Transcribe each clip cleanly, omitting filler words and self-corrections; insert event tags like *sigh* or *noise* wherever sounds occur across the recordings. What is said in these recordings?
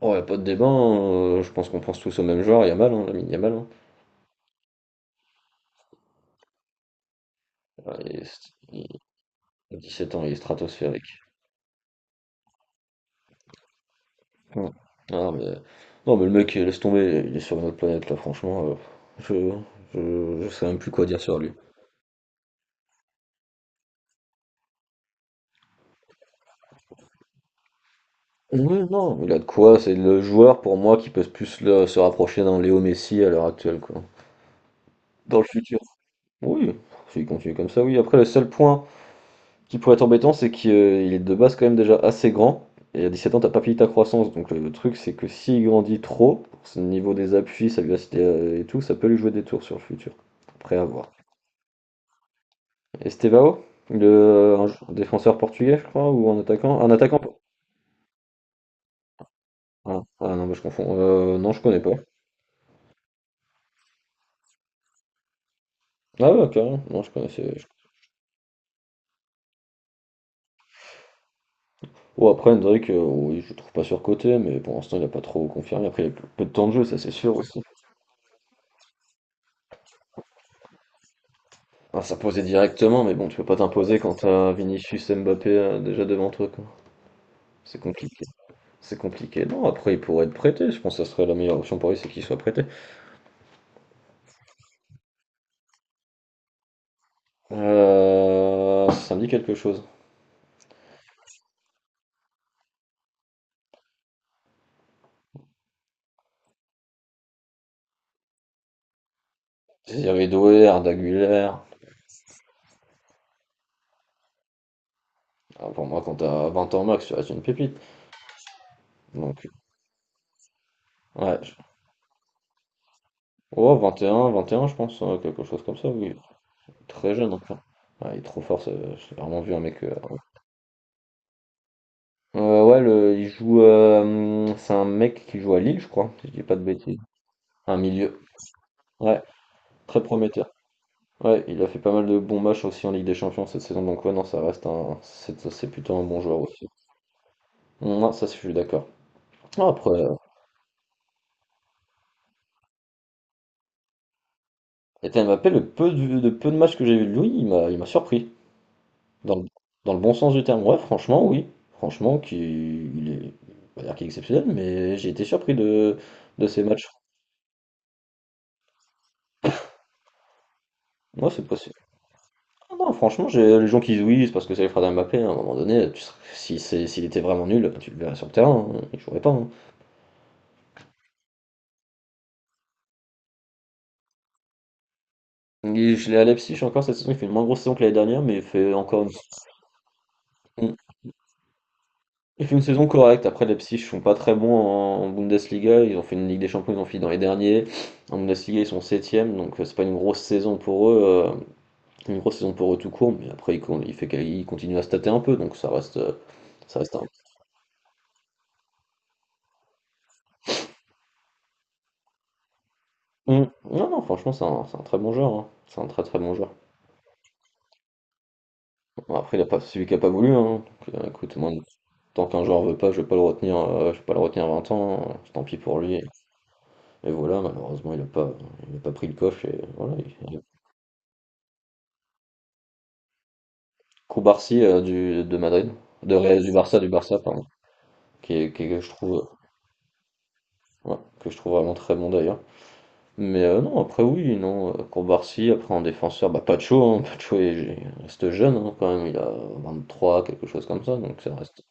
Oh, y a pas de débat, hein, je pense qu'on pense tous au même joueur, Yamal, hein, Lamine Yamal, hein. Ah, il est Il il a 17 ans, il est stratosphérique. Mm. Ah, mais... Non, mais le mec, laisse tomber, il est sur une autre planète, là, franchement. Je... je sais même plus quoi dire sur lui. Oui, non, il a de quoi, c'est le joueur pour moi qui peut plus se rapprocher d'un Léo Messi à l'heure actuelle, quoi. Dans le futur. Oui, s'il continue comme ça, oui. Après, le seul point. Ce qui pourrait être embêtant, c'est qu'il est de base quand même déjà assez grand. Et à 17 ans, t'as pas fini ta croissance. Donc le truc, c'est que s'il grandit trop, pour ce niveau des appuis, sa vivacité et tout, ça peut lui jouer des tours sur le futur. Après, à voir. Estevao, défenseur portugais, je crois, ou un attaquant. Un attaquant. Ah, ah non, mais je confonds. Non, je connais pas. Ah ouais, carrément. Non, je connaissais. Oh, après, Hendrick, oui, je le trouve pas surcoté, mais pour l'instant, il a pas trop confirmé. Après, il a peu de temps de jeu, ça c'est sûr aussi. Ah, s'imposer directement, mais bon, tu peux pas t'imposer quand t'as Vinicius et Mbappé déjà devant toi, quoi. C'est compliqué. C'est compliqué. Non, après, il pourrait être prêté. Je pense que ça serait la meilleure option pour lui, c'est qu'il soit prêté. Ça me dit quelque chose. Il y avait Doué, Arda Güler. Ah, pour moi, quand t'as 20 ans max, tu restes une pépite. Donc, ouais. Oh, 21, 21, je pense, ouais, quelque chose comme ça, oui. Très jeune, en fait. Ouais, il est trop fort, j'ai vraiment vu un mec. Ouais, il joue, c'est un mec qui joue à Lille, je crois, si je dis pas de bêtises. Un milieu. Ouais, très prometteur. Ouais, il a fait pas mal de bons matchs aussi en Ligue des Champions cette saison, donc ouais, non, ça reste un. C'est ça, c'est plutôt un bon joueur aussi. Non, ça, je suis d'accord. Non. Ethan Mbappé, le peu de peu de matchs que j'ai vu de lui, il m'a surpris. Dans le, dans le bon sens du terme. Ouais, franchement, oui. Franchement, qui il est. On dire qu'il est exceptionnel, mais j'ai été surpris de ces matchs. Moi, c'est possible. Ah non, franchement, j'ai les gens qui jouissent parce que c'est les frères d'Mbappé, à un moment donné, tu serais- si c'est- s'il était vraiment nul, tu le verrais sur le terrain, hein, il jouerait pas, hein. Il je l'ai à Leipzig encore cette saison, il fait une moins grosse saison que l'année dernière, mais il fait encore une, mmh, il fait une saison correcte. Après, Leipzig ne sont pas très bons en Bundesliga, ils ont fait une Ligue des Champions, ils ont fini dans les derniers. En Bundesliga, ils sont septième, donc c'est pas une grosse saison pour eux, une grosse saison pour eux tout court, mais après, il fait qu'ils continuent à se tâter un peu, donc ça reste un. Mmh. Non, non, franchement, c'est un très bon joueur, hein. C'est un très très bon joueur. Bon, après, il a pas, celui qui a pas voulu, hein. Donc, écoute, moi, tant qu'un joueur veut pas, je vais pas le retenir, je vais pas le retenir 20 ans, hein, tant pis pour lui. Et voilà, malheureusement, il n'a pas pris le coche et voilà. Kubarsi du de Madrid, du Barça, pardon, que je trouve, ouais, que je trouve vraiment très bon d'ailleurs. Mais non, Kubarsi, après en défenseur, bah Pacho, hein, Pacho reste jeune hein, quand même, il a 23 quelque chose comme ça, donc ça reste.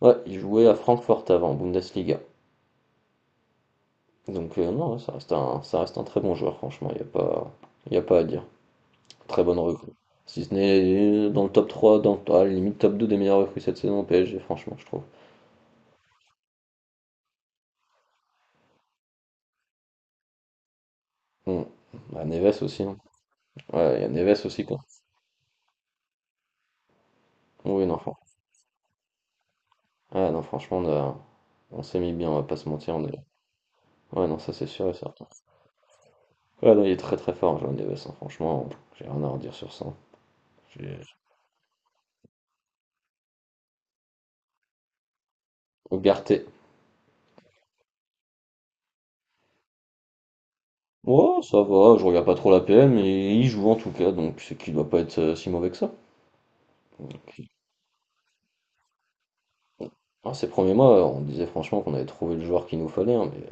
Ouais, il jouait à Francfort avant, en Bundesliga. Donc non, ça reste un très bon joueur, franchement, il n'y a pas, il y a pas à dire. Très bonne recrue. Si ce n'est dans le top 3 à la limite top 2 des meilleures recrues cette saison au PSG, franchement, je trouve. Hmm. Bah, Neves aussi, hein. Ouais, il y a Neves aussi, quoi. Oui, non, franchement. Ah, non, franchement, on s'est mis bien, on va pas se mentir. On est... Ouais, non, ça c'est sûr et certain. Ouais, non, il est très très fort, João Neves, hein, franchement, j'ai rien à redire sur ça. J'ai... Ugarte. Ouais, ça va, je regarde pas trop la PM, mais il joue en tout cas, donc c'est qu'il doit pas être si mauvais que ça. Donc, il- Alors, ces premiers mois, on disait franchement qu'on avait trouvé le joueur qu'il nous fallait, hein, mais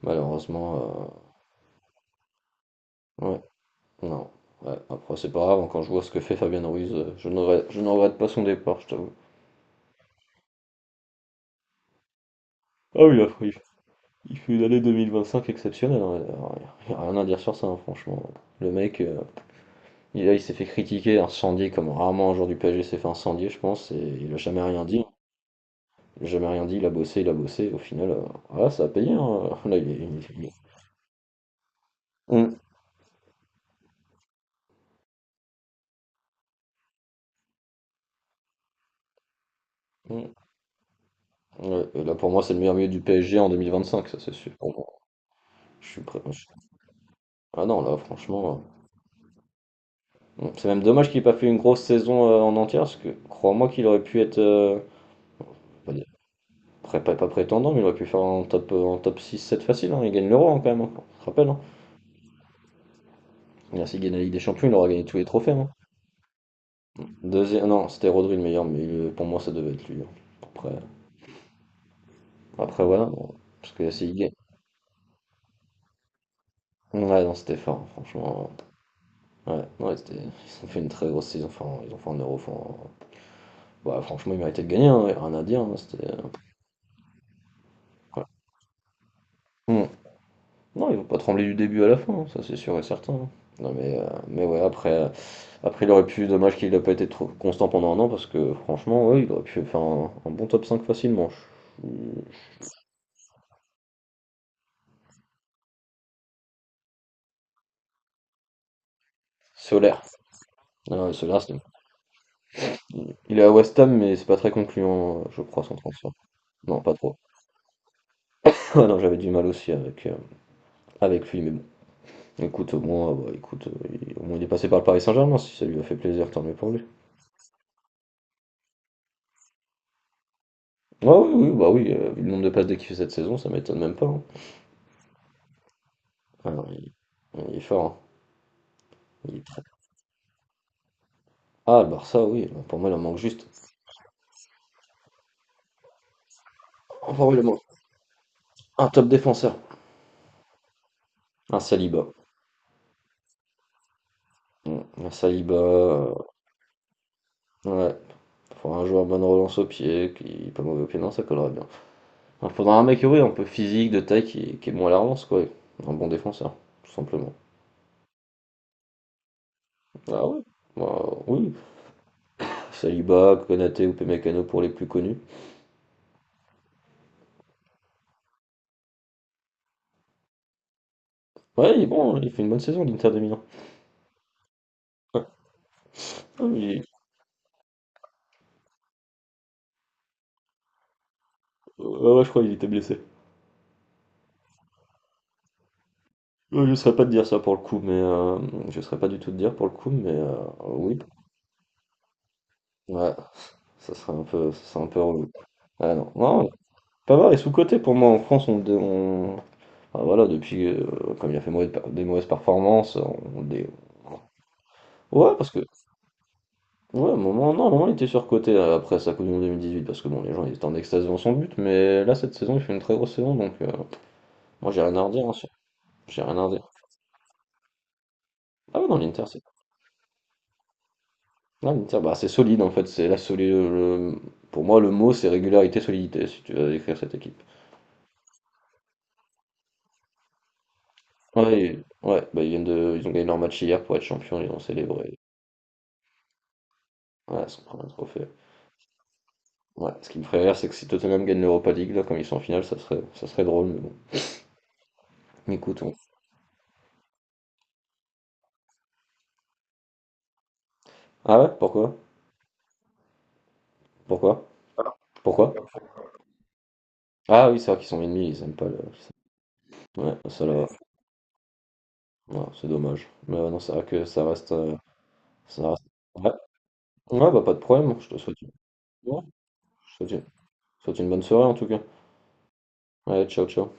malheureusement, ouais, non, ouais, après c'est pas grave, hein, quand je vois ce que fait Fabien Ruiz, je ne regrette pas son départ, je t'avoue. Ah oui, après, il fait une année 2025 exceptionnelle, hein, il y a rien à dire sur ça, hein, franchement. Le mec, il s'est fait critiquer, incendier comme rarement un joueur du PSG s'est fait incendier, je pense, et il a jamais rien dit, hein. Il a jamais rien dit, il a bossé, et au final, voilà, ça a payé, hein, *laughs* là, il est Mmh, mmh, ouais, et là, pour moi, c'est le meilleur milieu du PSG en 2025, ça, c'est sûr, pour moi. Je suis prêt, je ah non, là, franchement, mmh, c'est même dommage qu'il ait pas fait une grosse saison, en entière parce que crois-moi qu'il aurait pu être, pas dire pré pas pas prétendant, mais il aurait pu faire un top six sept facile, hein. Il gagne l'Euro, hein, quand même, hein, on se rappelle, hein. Il a s'il gagne la Ligue des Champions, il aura gagné tous les trophées, hein. Deuxième non, c'était Rodri le meilleur, mais pour moi, ça devait être lui, hein. Après après Voilà, bon, parce que s'il gagne ouais, non, c'était fort, hein, franchement, ouais, ouais, c'était ils ont fait une très grosse saison, enfin, ils ont fait un Euro, enfin, bah, franchement, ils méritaient de gagner, hein, y a rien à dire, hein, c'était, ouais. Mmh. Non, ils vont pas trembler du début à la fin, hein, ça c'est sûr et certain, hein. Non mais, ouais, après, après il aurait pu, dommage qu'il n'ait pas été trop constant pendant un an, parce que franchement, ouais, il aurait pu faire un bon top 5 facilement. Solaire. Ah non, il est à West Ham, mais c'est pas très concluant, je crois, son transfert. Non, pas trop. *laughs* Ah non, j'avais du mal aussi avec, avec lui, mais bon. Écoute, au moins, bah, écoute, au moins il est passé par le Paris Saint-Germain, si ça lui a fait plaisir, tant mieux pour lui. Ah oui, oui, bah oui, vu le nombre de passes dès qu'il fait cette saison, ça m'étonne même pas, hein. Ah non, il est fort, hein. Il est très ah le Barça oui, bah, pour moi il en manque juste. Oh, pour moi, il en manque un top défenseur, un Saliba. Mm. Un Saliba, ouais. Faudra un joueur bonne relance au pied, qui pas mauvais au pied, non, ça collerait bien. Il faudra un mec, oui, un peu physique, de taille, qui est bon à la relance, quoi. Un bon défenseur, tout simplement. Ah ouais. Bah, oui, Saliba, Konaté ou Pemecano pour les plus connus. Ouais, il est bon, il fait une bonne saison, l'Inter de Milan. Ouais. Ah, il- ouais, ouais, je crois qu'il était blessé. Je ne saurais pas te dire ça pour le coup, mais hem, je ne saurais pas du tout te dire pour le coup, mais oui, ouais, ça serait un peu relou. Ah non, non, pas mal est sous-coté pour moi. En France, on bah, voilà, depuis, comme il a fait mauvais des mauvaises performances, on dé ouais, parce que ouais, à un moment non, à un moment, il était surcoté, après sa Coupe du monde 2018 parce que bon, les gens, ils étaient en extase devant son but, mais là, cette saison, il fait une très grosse saison, donc moi, j'ai rien à redire, hein, sur j'ai rien à redire. Ah oui, non, l'Inter, c'est Ah, une tire, bah, c'est solide en fait, c'est la solide. Pour moi, le mot c'est régularité, solidité si tu veux décrire cette équipe. Ouais, ouais bah, ils viennent de... ils ont gagné leur match hier pour être champion ils ont célébré. Ouais, ils ont pris un trophée. Ouais, ce qui me ferait rire, c'est que si Tottenham gagne l'Europa League là, comme ils sont en finale, ça serait drôle, mais bon. Mais Écoute, on- Ah ouais, pourquoi? Pourquoi? Pourquoi? Ah oui, c'est vrai qu'ils sont ennemis, ils aiment pas le. Ouais, ça là, ouais, c'est dommage. Mais non, c'est vrai que ça reste, ça reste. Ouais, ouais, bah pas de problème, je te souhaite une bonne soirée en tout cas. Ouais, ciao, ciao.